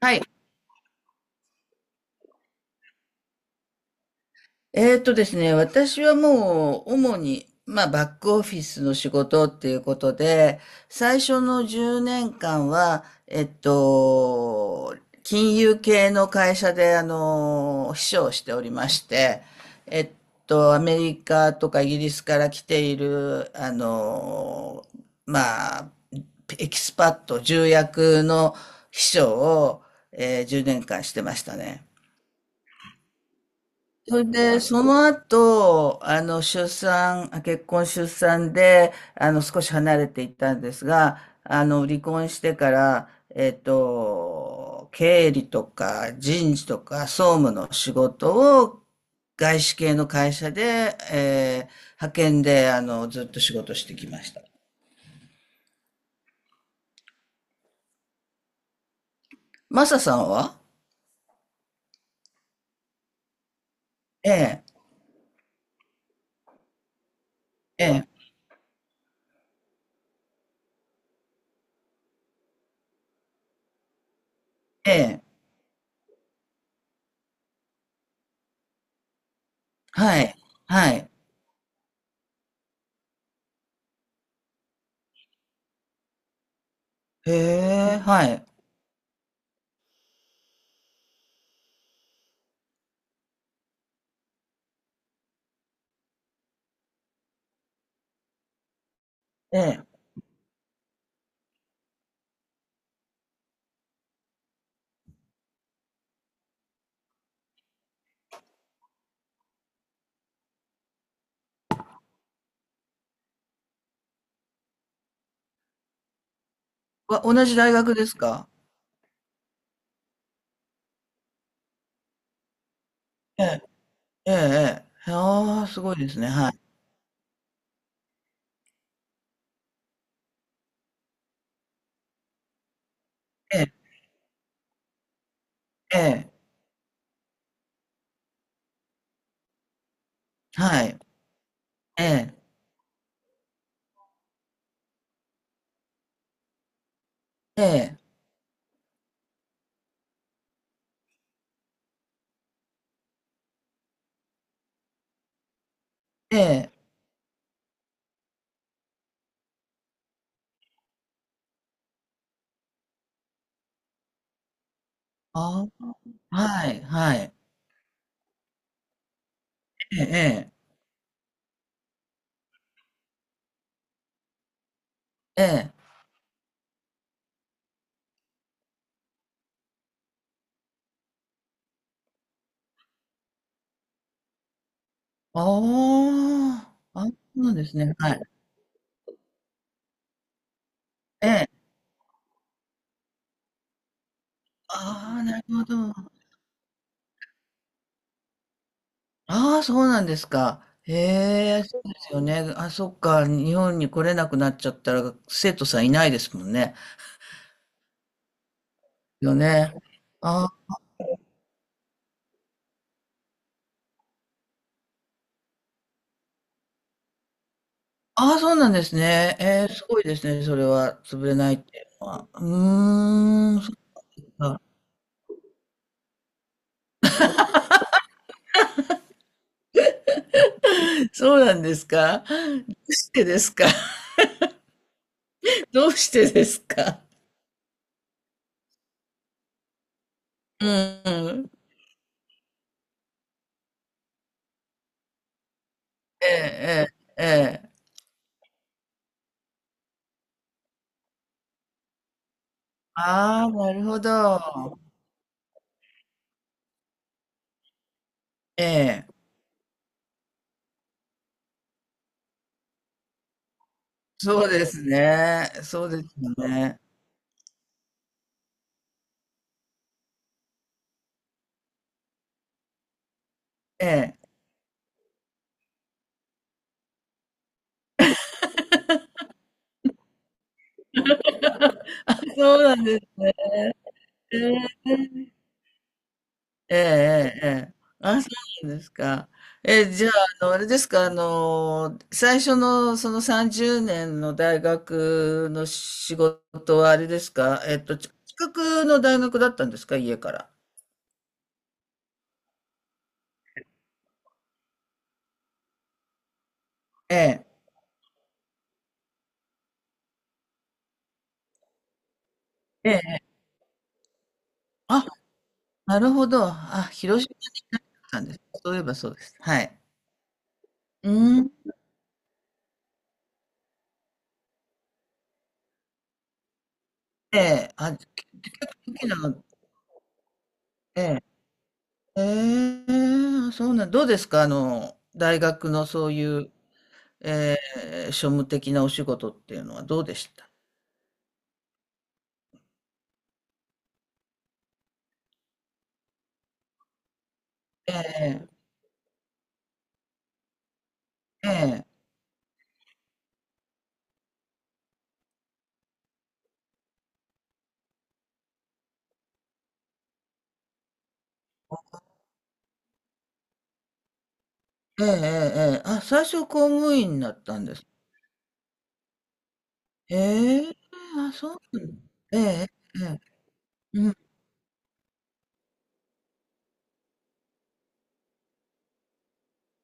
はい。えーとですね、私はもう主に、まあ、バックオフィスの仕事っていうことで、最初の10年間は、金融系の会社で、秘書をしておりまして、えっアメリカとかイギリスから来ている、まあ、エキスパット、重役の秘書を、10年間してましたね。それで、その後、出産、結婚出産で、少し離れていったんですが、離婚してから、経理とか人事とか総務の仕事を外資系の会社で、派遣で、ずっと仕事してきました。マサさんは？ええ、ええ、ええ、はい、はい。へえ、はい。ええ。同じ大学ですか？ええええ。ああ、すごいですね。はい。ええ、ええ、はい。ええ、ええ、ええ。ああ、はい、はい。ええ、ええ、ええ。ああ、あ、そうなんですね。はい。ええ。ああ、なるほど。ああ、そうなんですか。へえ、そうですよね。あ、そっか。日本に来れなくなっちゃったら、生徒さんいないですもんね。よね。あーあー、そうなんですね。えー、すごいですね。それは、潰れないっていうのは。うーん。あ、そうなんですか？どうしてですか？どうしてですか？うん。ええ、ええ、ええ。ああ、なるほど。ええ。そうですね。そうですよね。ええ。そうなんですね。ええええええええ。あ、そうなんですか。え、じゃあ、あの、あれですか、あの、最初のその30年の大学の仕事はあれですか、近くの大学だったんですか、家から。ええ、ええ、ええあ、なるほど。あ、広島に行ったんです。そういえばそうです。はい。うん。ええ、あ、結構大きな、ええ、ええ、そうなん、どうですか、あの、大学のそういう、ええ、庶務的なお仕事っていうのはどうでした？ええええ。ええええええええあ、最初公務員だったんです。ええ、あ、そうなんだ。ええええ。うん。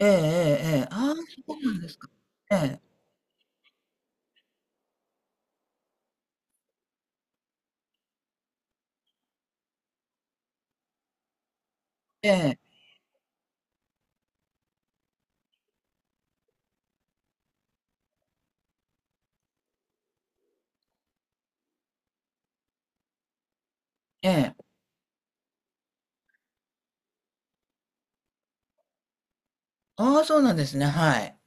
ええええええ。ああ、そうなんですか。ええ、ええ、ええ。ああ、そうなんですね、はい。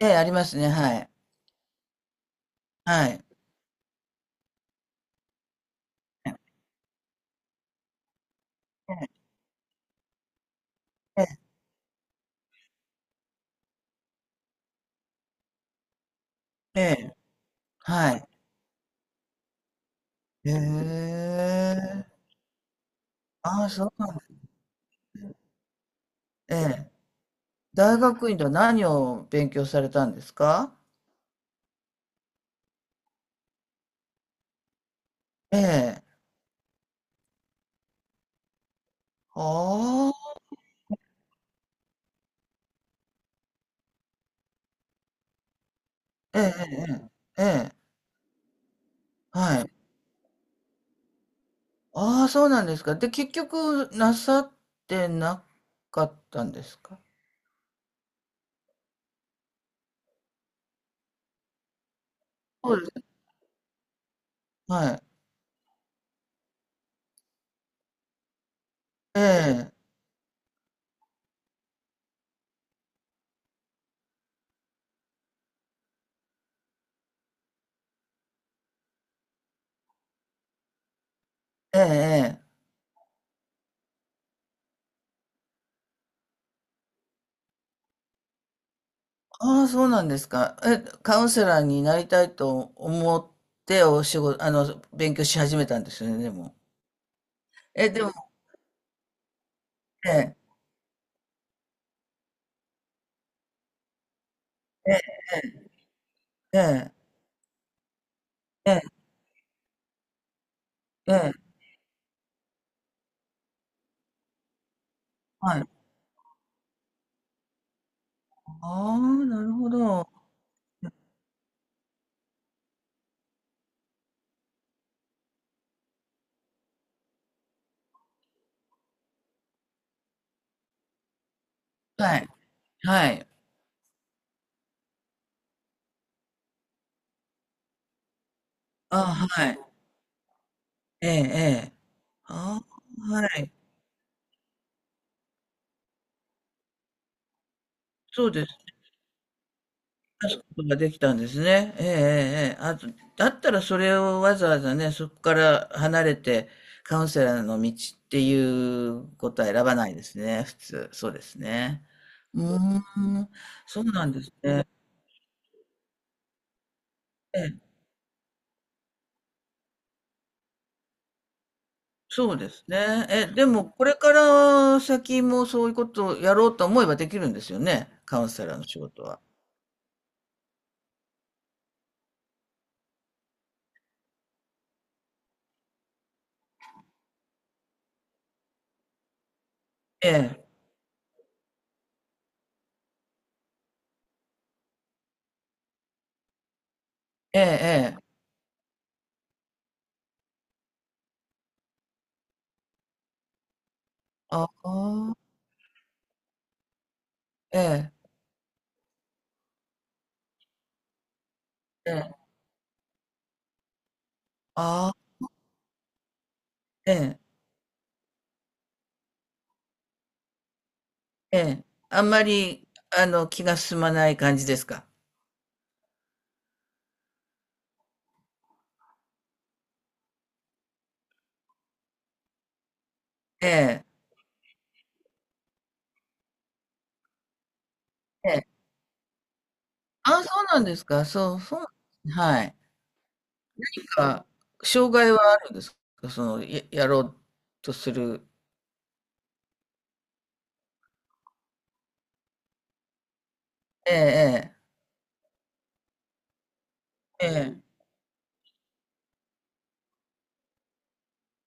ええ、ありますね、はい。はい。ええ、ええ、ええ、はい。へえ。ああ、そうなんです。ええ。大学院では何を勉強されたんですか？ええ。ああ、ええええええ、はい。ああ、そうなんですか。で、結局、なさってなかったんですか？そうです。はい。ええ、ええ、ええ。ああ、そうなんですか。え、カウンセラーになりたいと思って、お仕事、勉強し始めたんですよね、でも。え、でも、ええ、ええ、ええ、ええ、ええはい。ああ、なるほど。はい、はい。ああ、はい。ええ、ええ。ああ、はい。そうです。出すことができたんですね。ええ、ええ、ええあと、だったらそれをわざわざね、そこから離れて、カウンセラーの道っていうことは選ばないですね、普通。そうですね。うーん、そうなんですね。ええ、そうですね。え、でも、これから先もそういうことをやろうと思えばできるんですよね、カウンセラーの仕事は。ええ、ええ、ええ、ああ、ええ、ええ、ああ、ええ。ええ。あんまり、気が進まない感じですか？ええ、ええ。ああ、そうなんですか。そう、そうなんですね、はい。なんか、障害はあるんですか？その、やろうとするええええ。ええ。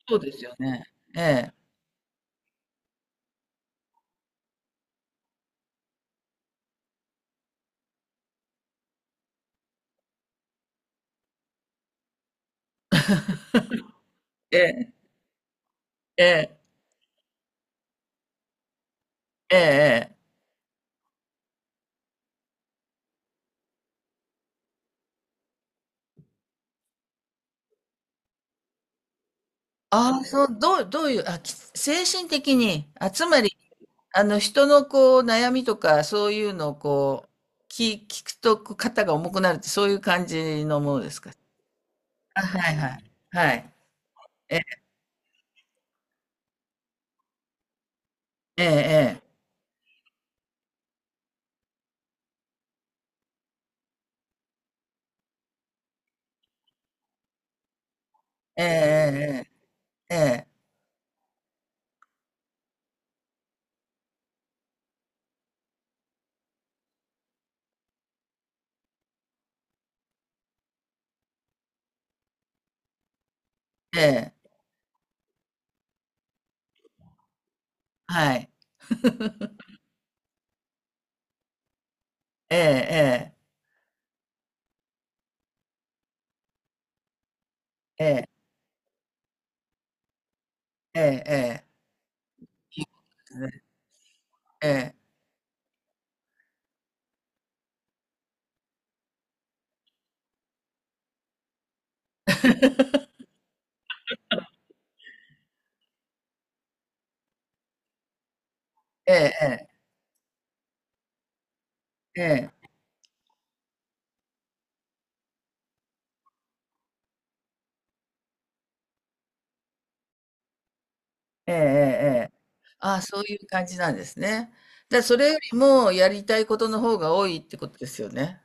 そうですよね。ええ。ええ、ええ、ええええ。ああ、そう、どういう、あ、精神的に、あ、つまり、人のこう、悩みとか、そういうのをこう、聞くと、こう、肩が重くなるって、そういう感じのものですか？あ、はいはい。はい。え、ええええ、ええええ、ええ、ええ、はい。ええええ、ええ、ええ、ええ、いいですね。ええ、ええ、ええ、ええ、ええ、ええ。あ、そういう感じなんですね。それよりもやりたいことの方が多いってことですよね。